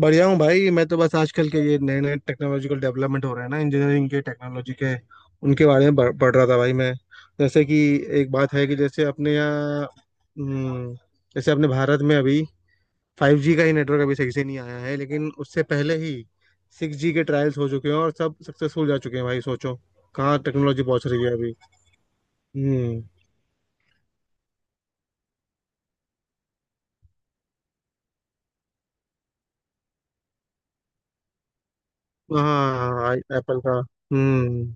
बढ़िया हूँ भाई। मैं तो बस आजकल के ये नए नए टेक्नोलॉजिकल डेवलपमेंट हो रहे हैं ना, इंजीनियरिंग के टेक्नोलॉजी के उनके बारे में पढ़ पढ़ रहा था भाई मैं। जैसे कि एक बात है कि जैसे अपने यहाँ हम्म, जैसे अपने भारत में अभी 5G का ही नेटवर्क अभी सही से नहीं आया है, लेकिन उससे पहले ही 6G के ट्रायल्स हो चुके हैं और सब सक्सेसफुल जा चुके हैं भाई। सोचो कहाँ टेक्नोलॉजी पहुंच रही है अभी। हम्म हाँ, एप्पल का। हम्म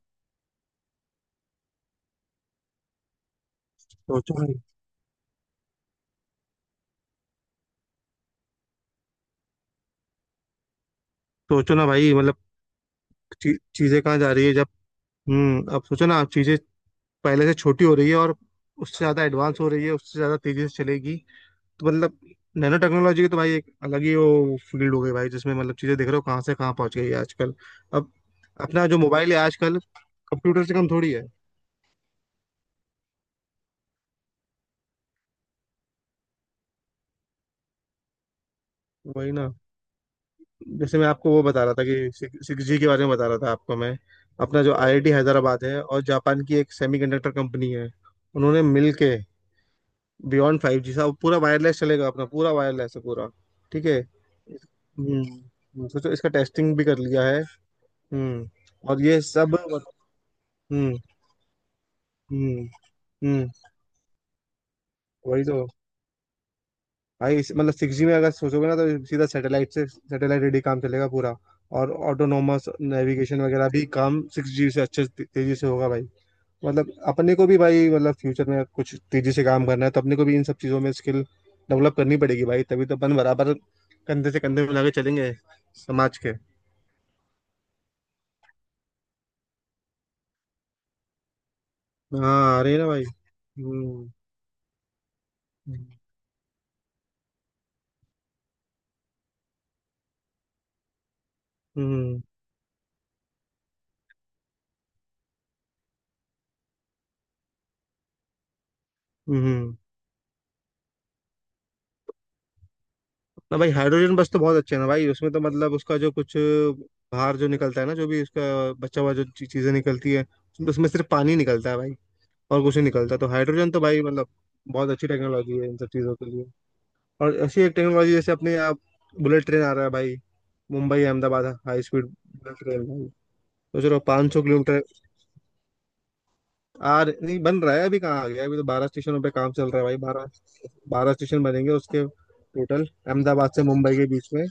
सोचो। सोचो ना भाई मतलब चीजें कहाँ जा रही है जब अब सोचो ना आप, चीजें पहले से छोटी हो रही है और उससे ज़्यादा एडवांस हो रही है, उससे ज़्यादा तेज़ी से चलेगी तो मतलब नैनो टेक्नोलॉजी की तो भाई एक अलग ही वो फील्ड हो गई भाई, जिसमें मतलब चीज़ें देख रहे हो कहाँ से कहाँ पहुँच गई है आजकल। अब अपना जो मोबाइल है आजकल, कंप्यूटर से कम थोड़ी है। वही ना। जैसे मैं आपको वो बता रहा था कि सिक्स जी के बारे में बता रहा था आपको मैं, अपना जो आईआईटी हैदराबाद है और जापान की एक सेमीकंडक्टर कंपनी है, उन्होंने मिल के बियॉन्ड 5G साहब, पूरा वायरलेस चलेगा, अपना पूरा वायरलेस है पूरा। ठीक है। सोचो, इसका टेस्टिंग भी कर लिया है। हम्म। और ये सब। हम्म। हम्म। हम्म। वही तो भाई। मतलब 6G में अगर सोचोगे ना तो सीधा सैटेलाइट से सैटेलाइट रेडी काम चलेगा पूरा, और ऑटोनोमस नेविगेशन वगैरह भी काम 6G से तेजी से होगा भाई। मतलब अपने को भी भाई, मतलब फ्यूचर में कुछ तेजी से काम करना है तो अपने को भी इन सब चीज़ों में स्किल डेवलप करनी पड़ेगी भाई, तभी तो अपन बराबर कंधे से कंधे मिला के चलेंगे समाज के। हाँ, अरे ना भाई। हम्म। हम्म। हम्म। ना भाई, हाइड्रोजन बस तो बहुत अच्छे है ना भाई, उसमें तो मतलब उसका जो कुछ बाहर जो निकलता है ना, जो भी उसका बचा हुआ जो चीजें निकलती है, उसमें उसमें सिर्फ पानी निकलता है भाई, और कुछ नहीं निकलता। तो हाइड्रोजन तो भाई मतलब बहुत अच्छी टेक्नोलॉजी है इन सब चीजों के लिए। और ऐसी एक टेक्नोलॉजी जैसे अपने आप बुलेट ट्रेन आ रहा है भाई, Mumbai Ahmedabad high speed bullet train भाई। सोच रहा 500 किलोमीटर नहीं, बन रहा है अभी। कहाँ आ गया अभी, तो 12 स्टेशनों पे काम चल रहा है भाई, 12। 12 स्टेशन बनेंगे उसके टोटल अहमदाबाद से मुंबई के बीच में,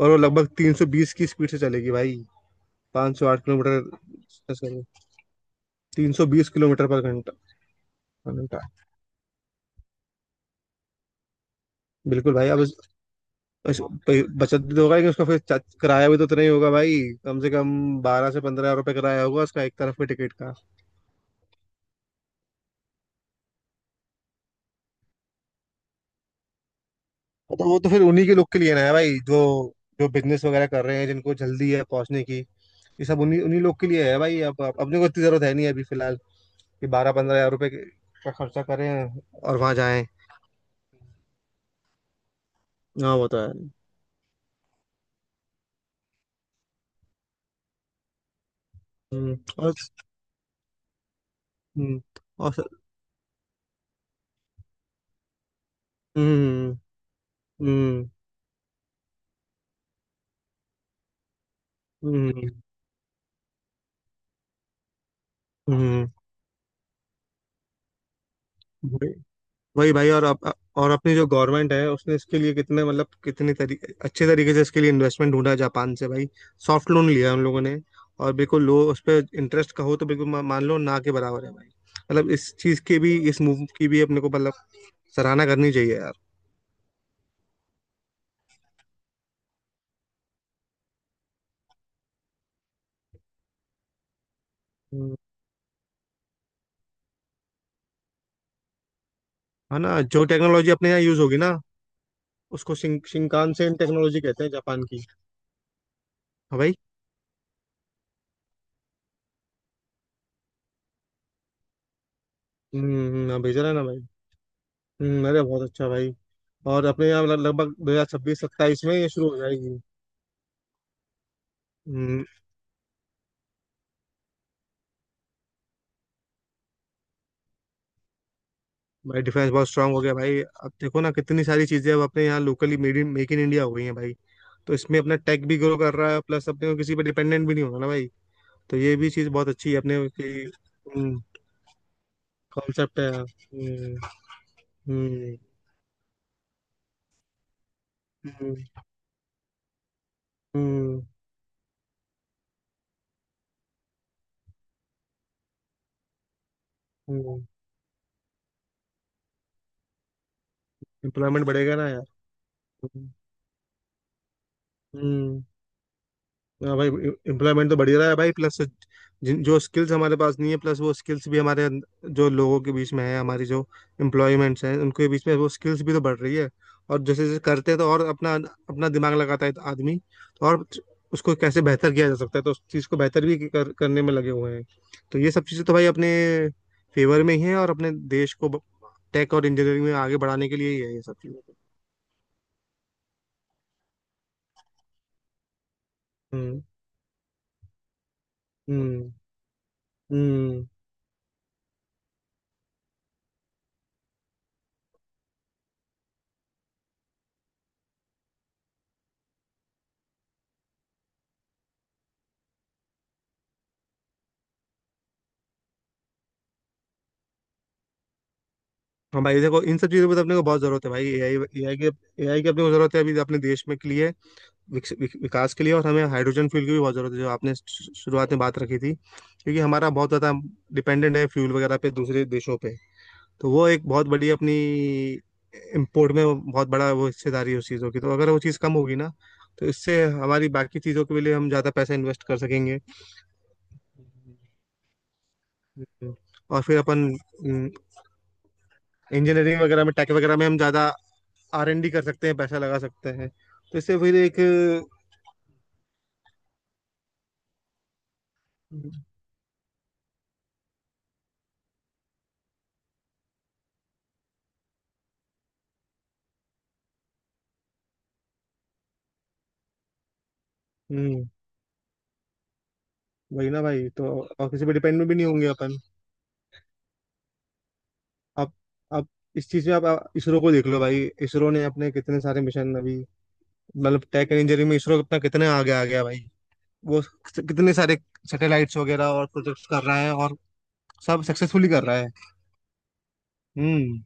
और वो लगभग 320 की स्पीड से चलेगी भाई। 508 किलोमीटर। 320 किलोमीटर पर घंटा, पर घंटा। बिल्कुल भाई। अब उस- बचत भी तो होगा, लेकिन उसका फिर किराया भी तो उतना ही होगा भाई। कम से कम 12 से 15 हज़ार रुपये किराया होगा उसका, एक तरफ के टिकट का। तो वो तो फिर उन्हीं के लोग के लिए ना है भाई, जो जो बिजनेस वगैरह कर रहे हैं जिनको जल्दी है पहुंचने की। ये सब उन्हीं उन्हीं लोग के लिए है भाई। अब अपने को इतनी जरूरत है नहीं अभी फिलहाल, कि 12-15 हज़ार रुपये का खर्चा करें और वहां जाएं। हाँ, वो तो है। हम्म। और। हम्म। और। हम्म। हम्म। हम्म। हम्म। हम्म। वही भाई, और और अपनी जो गवर्नमेंट है उसने इसके लिए कितने, मतलब कितने तरीके अच्छे तरीके से इसके लिए इन्वेस्टमेंट ढूंढा जापान से भाई। सॉफ्ट लोन लिया उन लोगों ने, और बिल्कुल लो उस पर इंटरेस्ट का हो तो बिल्कुल मान लो ना के बराबर है भाई। मतलब इस चीज की भी, इस मूव की भी अपने को मतलब सराहना करनी चाहिए यार। हम्म। है ना, जो टेक्नोलॉजी अपने यहाँ यूज होगी ना, उसको शिंकानसेन टेक्नोलॉजी कहते हैं जापान की। हाँ भाई। हम्म। हाँ, भेजा रहा है ना भाई। हम्म, अरे बहुत अच्छा भाई। और अपने यहाँ मतलब लगभग 2026-27 में ये शुरू हो जाएगी। भाई डिफेंस बहुत स्ट्रांग हो गया भाई। अब देखो ना, कितनी सारी चीजें अब अपने यहाँ locally made in, make in India हो गई हैं भाई। तो इसमें अपना टेक भी ग्रो कर रहा है, प्लस अपने को किसी पे डिपेंडेंट भी नहीं होना ना भाई। तो ये भी चीज बहुत अच्छी है अपने की। कॉन्सेप्ट है। हम्म। हम्म। हम्म। हम्म। एम्प्लॉयमेंट बढ़ेगा ना यार। हम्म। हम्म। हाँ भाई। एम्प्लॉयमेंट तो बढ़ ही रहा है भाई, प्लस जिन, जो स्किल्स हमारे पास नहीं है, प्लस वो स्किल्स भी हमारे जो लोगों के बीच में है, हमारी जो एम्प्लॉयमेंट्स हैं उनके बीच में वो स्किल्स भी तो बढ़ रही है। और जैसे जैसे करते हैं तो और अपना, अपना दिमाग लगाता है आदमी, तो और उसको कैसे बेहतर किया जा सकता है, तो उस चीज़ को बेहतर भी करने में लगे हुए हैं। तो ये सब चीज़ें तो भाई अपने फेवर में ही है, और अपने देश को टेक और इंजीनियरिंग में आगे बढ़ाने के लिए ही है ये सब चीज़ें। हम्म। हम्म। हम्म। हाँ भाई देखो, इन सब चीज़ों पे तो अपने को बहुत ज़रूरत है भाई। एआई, एआई की, एआई की अपने को ज़रूरत है अभी अपने देश में के लिए, विकास के लिए। और हमें हाइड्रोजन फ्यूल की भी बहुत ज़रूरत है, जो आपने शुरुआत में बात रखी थी, क्योंकि हमारा बहुत ज़्यादा डिपेंडेंट है फ्यूल वगैरह पे दूसरे देशों पे। तो वो एक बहुत बड़ी अपनी इम्पोर्ट में बहुत बड़ा वो हिस्सेदारी है उस चीज़ों की, तो अगर वो चीज़ कम होगी ना, तो इससे हमारी बाकी चीज़ों के लिए हम ज़्यादा पैसा इन्वेस्ट कर सकेंगे। और फिर अपन हम्म, इंजीनियरिंग वगैरह में, टेक वगैरह में हम ज़्यादा आरएनडी कर सकते हैं, पैसा लगा सकते हैं। तो इससे फिर एक। हम्म। वही ना भाई। तो और किसी पे डिपेंड भी नहीं होंगे अपन। आप आप इस चीज में, आप इसरो को देख लो भाई। इसरो ने अपने कितने सारे मिशन अभी, मतलब टेक एंड इंजीनियरिंग में इसरो अपना कितने आगे आ गया भाई। वो कितने सारे सैटेलाइट्स वगैरह और प्रोजेक्ट्स कर रहा है और सब सक्सेसफुली कर रहा है। हम्म।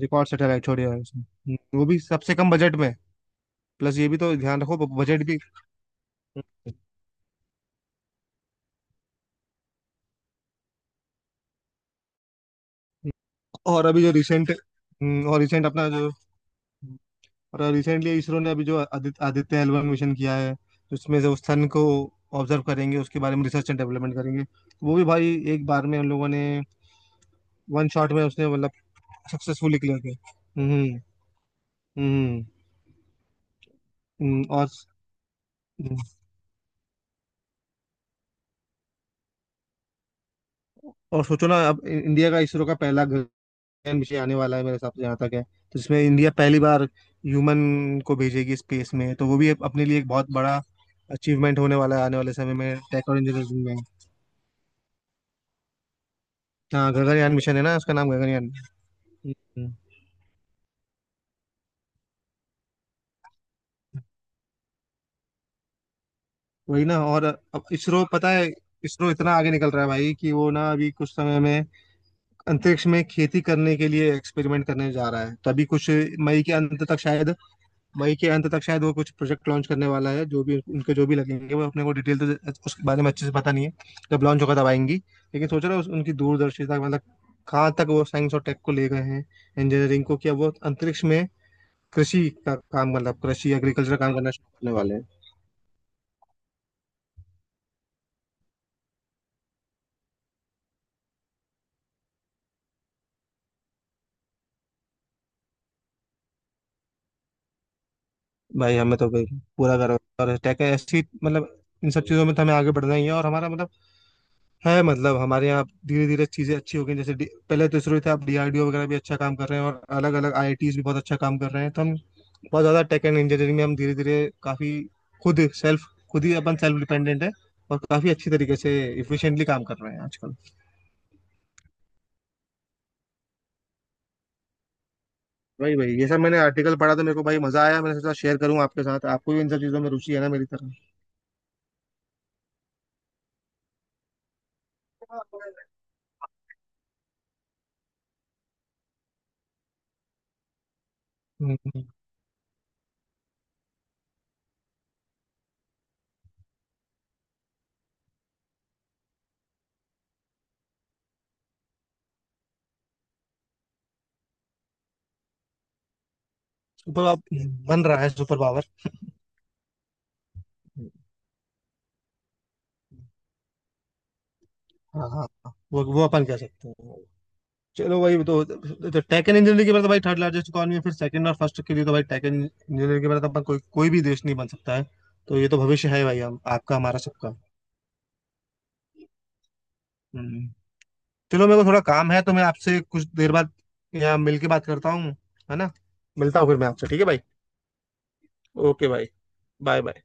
रिकॉर्ड सैटेलाइट छोड़े है उसने। वो भी सबसे कम बजट में। प्लस ये भी तो ध्यान रखो, बजट भी। और अभी जो रिसेंट, और रिसेंट अपना जो, और रिसेंटली इसरो ने अभी जो आदित्य आदित्य L1 मिशन किया है, उसमें से उस सन को ऑब्जर्व करेंगे, उसके बारे में रिसर्च एंड डेवलपमेंट करेंगे। वो भी भाई एक बार में हम लोगों ने, वन शॉट में उसने मतलब सक्सेसफुली क्लियर किया। हम्म। हम्म। और सोचो ना, अब इंडिया का इसरो का पहला गगन मिशन आने वाला है मेरे हिसाब से जहाँ तक है, तो इसमें इंडिया पहली बार ह्यूमन को भेजेगी स्पेस में, तो वो भी अपने लिए एक बहुत बड़ा अचीवमेंट होने वाला है आने वाले समय में टेक और इंजीनियरिंग में। हाँ, गगनयान मिशन है ना, उसका नाम गगनयान। हम्म, वही ना। और अब इसरो, पता है इसरो इतना आगे निकल रहा है भाई, कि वो ना अभी कुछ समय में अंतरिक्ष में खेती करने के लिए एक्सपेरिमेंट करने जा रहा है, तो अभी कुछ मई के अंत तक शायद, मई के अंत तक शायद वो कुछ प्रोजेक्ट लॉन्च करने वाला है। जो भी उनके जो भी लगेंगे वो, अपने को डिटेल तो उसके बारे में अच्छे से पता नहीं है, जब लॉन्च होगा तब आएंगी। लेकिन सोच रहे हो उनकी दूरदर्शिता, मतलब कहाँ तक वो साइंस और टेक को ले गए हैं, इंजीनियरिंग को, कि अब वो अंतरिक्ष में कृषि का काम, मतलब कृषि एग्रीकल्चर काम करना शुरू करने वाले हैं। भाई हमें तो भाई पूरा गर्व है। और टेक ऐसी, मतलब इन सब चीज़ों में तो हमें आगे बढ़ना ही है, और हमारा मतलब है, मतलब हमारे यहाँ धीरे धीरे चीज़ें अच्छी हो गई। जैसे पहले तो इसरो था, अब डीआरडीओ वगैरह भी अच्छा काम कर रहे हैं और अलग अलग आईआईटीज भी बहुत अच्छा काम कर रहे हैं। तो हम बहुत ज़्यादा टेक एंड इंजीनियरिंग में, हम धीरे धीरे काफ़ी खुद सेल्फ, खुद ही अपन सेल्फ डिपेंडेंट है और काफ़ी अच्छी तरीके से इफिशिएंटली काम कर रहे हैं आजकल। वही भाई, ये सब मैंने आर्टिकल पढ़ा तो मेरे को भाई मज़ा आया, मैंने सोचा शेयर करूँ आपके साथ, आपको भी इन सब चीज़ों में रुचि है ना मेरी तरह। हम्म। सुपर पावर बन रहा है, सुपर पावर। हाँ हाँ हाँ, वो अपन कह सकते हैं। चलो भाई, तो टेक एंड इंजीनियरिंग के बाद तो भाई थर्ड लार्जेस्ट इकॉनमी है, फिर सेकंड और फर्स्ट के लिए तो भाई टेक एंड इंजीनियरिंग के बाद अपन कोई कोई भी देश नहीं बन सकता है। तो ये तो भविष्य है भाई, हम आपका हमारा सबका। हम्म। चलो, मेरे को थोड़ा काम है तो मैं आपसे कुछ देर बाद यहाँ मिल के बात करता हूँ, है ना। मिलता हूँ फिर मैं आपसे। ठीक है भाई। ओके भाई। Bye bye.